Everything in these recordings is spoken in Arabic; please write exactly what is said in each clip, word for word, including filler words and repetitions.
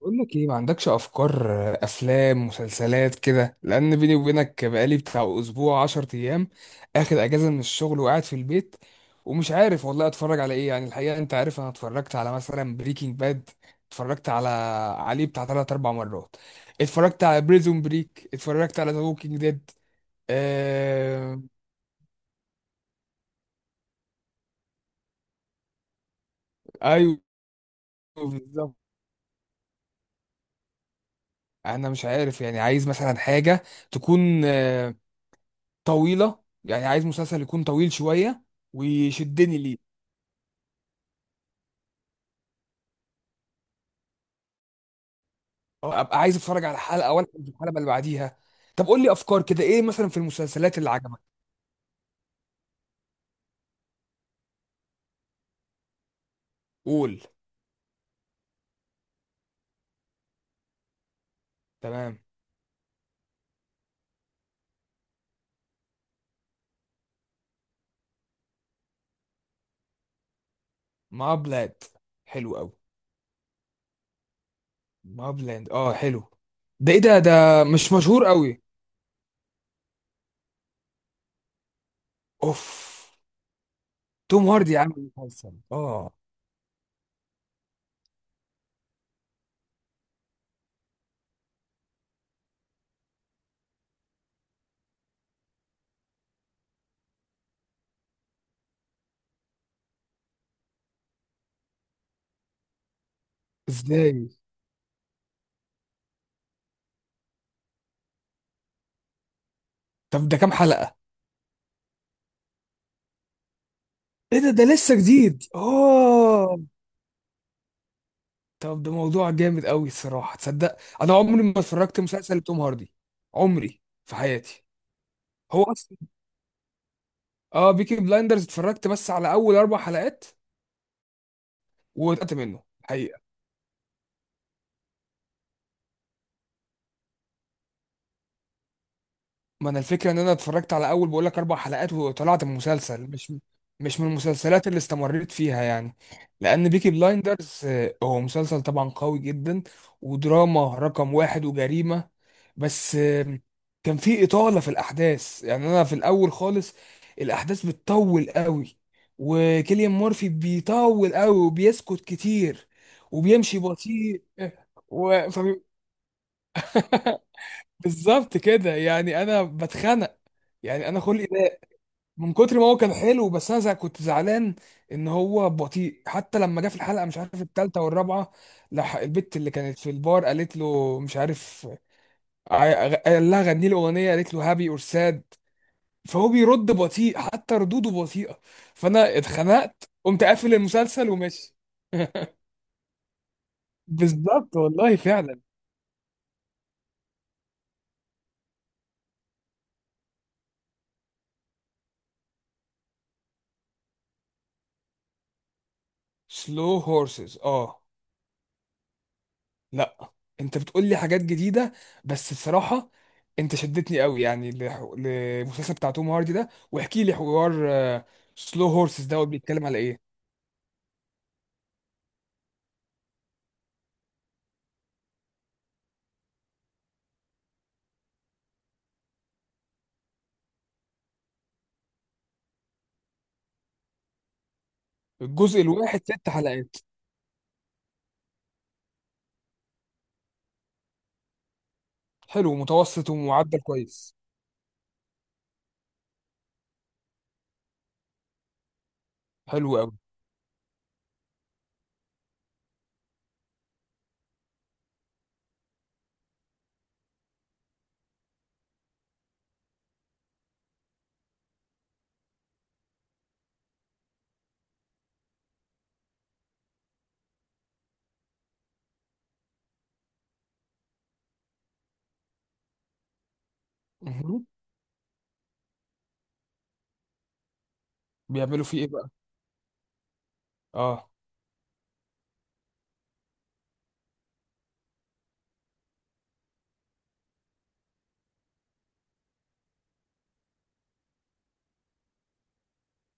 بقول لك ايه؟ ما عندكش افكار، آه، افلام مسلسلات كده؟ لان بيني وبينك بقالي بتاع اسبوع عشرة ايام اخد اجازه من الشغل وقاعد في البيت ومش عارف والله اتفرج على ايه. يعني الحقيقه انت عارف انا اتفرجت على مثلا بريكنج باد، اتفرجت على عليه بتاع تلاتة أربع مرات، اتفرجت على بريزون بريك، اتفرجت على ذا ووكينج ديد. آه... ايوه، بالظبط. انا مش عارف يعني، عايز مثلا حاجه تكون آه، طويله، يعني عايز مسلسل يكون طويل شويه ويشدني ليه. اه، ابقى عايز اتفرج على الحلقه ولا الحلقه اللي بعديها. طب قول لي افكار كده، ايه مثلا في المسلسلات اللي عجبك؟ قول. تمام. ما بلاد، حلو قوي. ما بلاند، اه حلو. ده ايه ده؟ ده مش مشهور قوي؟ اوف، توم هاردي عامل مسلسل؟ اه، ازاي؟ طب ده كام حلقه؟ ايه ده؟ ده لسه جديد اه؟ طب ده موضوع جامد قوي الصراحه. تصدق انا عمري ما اتفرجت مسلسل توم هاردي عمري في حياتي؟ هو اصلا، اه بيكي بلايندرز اتفرجت بس على اول اربع حلقات واتقت منه حقيقة. ما انا الفكره ان انا اتفرجت على اول، بقول لك، اربع حلقات وطلعت من المسلسل، مش مش من المسلسلات اللي استمريت فيها يعني. لان بيكي بلايندرز آه، هو مسلسل طبعا قوي جدا ودراما رقم واحد وجريمه، بس آه، كان في اطاله في الاحداث. يعني انا في الاول خالص الاحداث بتطول قوي، وكيليان مورفي بيطول قوي وبيسكت كتير وبيمشي بطيء آه، و... فبي- بالظبط كده. يعني انا بتخنق، يعني انا خلقي، من كتر ما هو كان حلو بس انا زع- كنت زعلان ان هو بطيء. حتى لما جه في الحلقه مش عارف الثالثه والرابعه، لح... البت اللي كانت في البار قالت له مش عارف، ع- غ- قال لها غني له اغنيه، قالت له هابي اور ساد، فهو بيرد بطيء، حتى ردوده بطيئه، فانا اتخنقت قمت قافل المسلسل وماشي. بالظبط والله فعلا. سلو هورسز، اه لا. انت بتقول لي حاجات جديده، بس بصراحه انت شدتني قوي يعني لح- للمسلسل بتاع توم هاردي ده، واحكي لي حوار. سلو هورسز دوت، بيتكلم على ايه؟ الجزء الواحد ست حلقات؟ حلو، متوسط ومعدل كويس. حلو قوي. مهم. بيعملوا فيه ايه بقى؟ اه،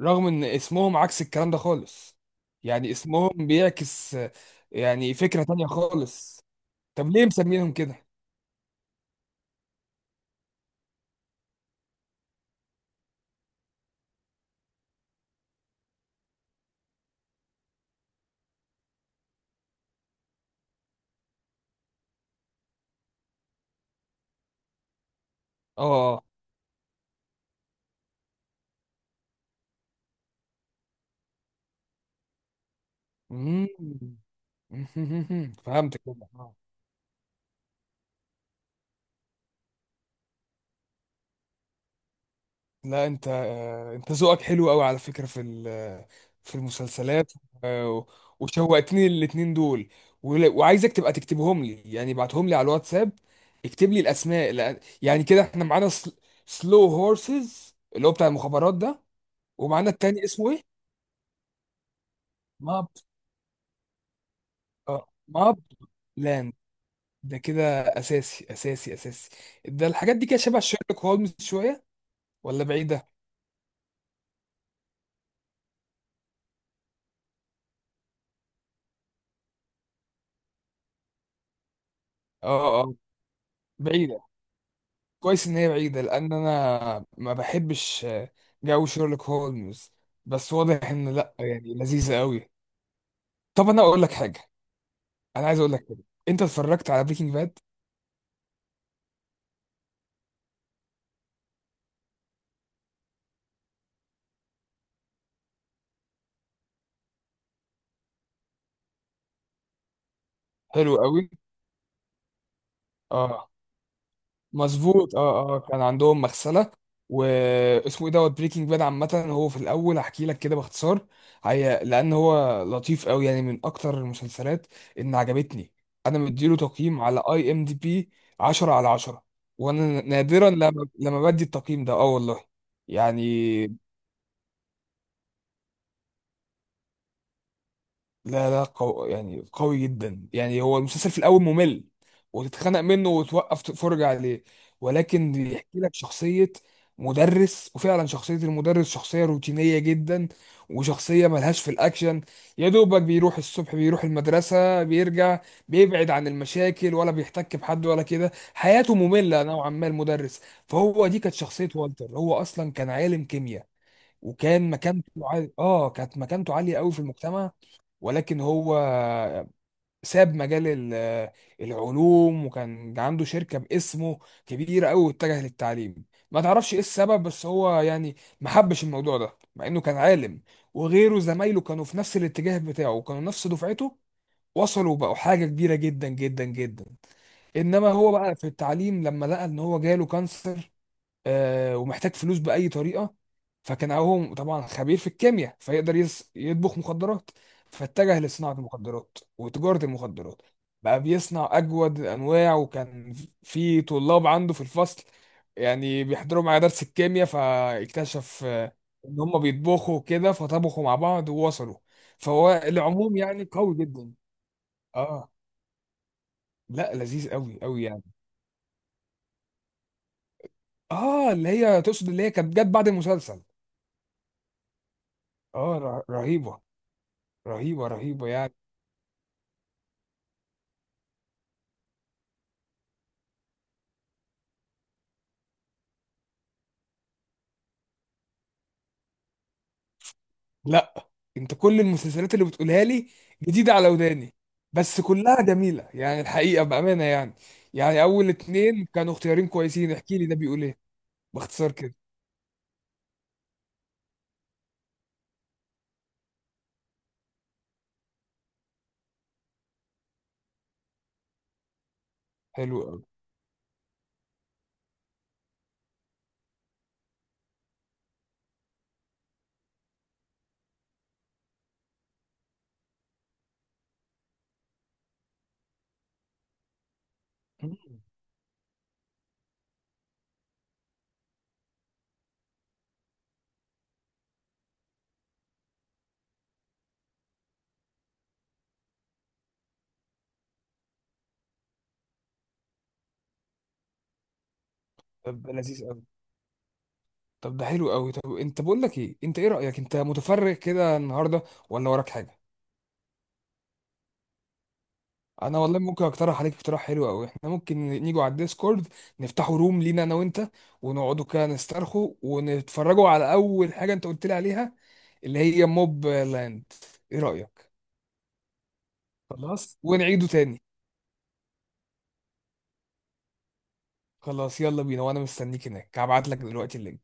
رغم ان اسمهم عكس الكلام ده خالص، يعني اسمهم بيعكس آه، يعني فكره تانية خالص. طب ليه مسمينهم كده؟ اه. مم. فهمت كده آه. لا انت آه، انت ذوقك حلو قوي على فكرة في ال- في المسلسلات، آه، وشوقتني الاتنين دول، ول- وعايزك تبقى تكتبهم لي، يعني ابعتهم لي على الواتساب. اكتب لي الاسماء، لأن- يعني كده احنا معانا سلو هورسز اللي هو بتاع المخابرات ده، ومعانا التاني اسمه ايه، ماب، اه ماب لاند. ده كده اساسي اساسي اساسي. ده الحاجات دي كده شبه شيرلوك هولمز شوية ولا بعيدة؟ اه اه، بعيدة. كويس ان هي بعيدة، لان انا ما بحبش جو شيرلوك هولمز، بس واضح ان لا، يعني لذيذة قوي. طب انا اقول لك حاجة، انا عايز اقول لك حاجة، انت اتفرجت على بريكنج باد؟ حلو قوي. اه، مظبوط اه اه، كان عندهم مغسله. واسمه ايه دوت بريكنج باد عامه. هو في الاول هحكي لك كده باختصار هي، لان هو لطيف قوي يعني، من اكتر المسلسلات ان عجبتني. انا مديله تقييم على اي ام دي بي عشرة على عشرة. وانا نادرا لما لما بدي التقييم ده، اه والله يعني. لا لا قو... يعني قوي جدا يعني، هو المسلسل في الاول ممل وتتخنق منه وتوقف تتفرج عليه، ولكن بيحكي لك شخصية مدرس، وفعلا شخصية المدرس شخصية روتينية جدا، وشخصية ملهاش في الأكشن. يا دوبك بيروح الصبح، بيروح المدرسة، بيرجع، بيبعد عن المشاكل، ولا بيحتك بحد ولا كده، حياته مملة نوعا ما المدرس. فهو دي كانت شخصية والتر. هو أصلا كان عالم كيمياء، وكان مكانته عالية، اه كانت مكانته عالية قوي في المجتمع، ولكن هو ساب مجال ال- العلوم، وكان عنده شركة باسمه كبيرة قوي، واتجه للتعليم. ما تعرفش ايه السبب، بس هو يعني ما حبش الموضوع ده، مع انه كان عالم، وغيره زمايله كانوا في نفس الاتجاه بتاعه، وكانوا نفس دفعته، وصلوا بقوا حاجة كبيرة جدا جدا جدا. انما هو بقى في التعليم، لما لقى ان هو جاله كانسر آه، ومحتاج فلوس بأي طريقة، فكان هو طبعا خبير في الكيمياء، فيقدر يص- يطبخ مخدرات، فاتجه لصناعة المخدرات وتجارة المخدرات. بقى بيصنع أجود الأنواع، وكان في طلاب عنده في الفصل، يعني بيحضروا معاه درس الكيمياء، فاكتشف آه، إن هم بيطبخوا كده، فطبخوا مع بعض ووصلوا. فهو العموم يعني قوي جدا. اه لا لذيذ قوي قوي يعني. اه، اللي هي تقصد اللي هي كانت جت بعد المسلسل. اه، ر- رهيبة، رهيبة رهيبة يعني. لا، انت كل المسلسلات اللي بتقولها لي جديدة على وداني، بس كلها جميلة يعني الحقيقة بأمانة يعني. يعني أول اتنين كانوا اختيارين كويسين. احكي لي ده بيقول ايه، باختصار كده. حلو أوي. مم. طب ده لذيذ أوي. طب ده حلو أوي. طب انت بقول لك ايه، انت ايه رأيك، انت متفرغ كده النهاردة ولا وراك حاجة؟ انا والله ممكن اقترح عليك اقتراح حلو قوي. احنا ممكن نيجوا على الديسكورد، نفتحوا روم لينا انا وانت، ونقعدوا كده نسترخوا ونتفرجوا على اول حاجه انت قلت لي عليها، اللي هي موب لاند. ايه رايك؟ خلاص ونعيده تاني. خلاص يلا بينا، وانا مستنيك هناك، هبعت لك دلوقتي اللينك.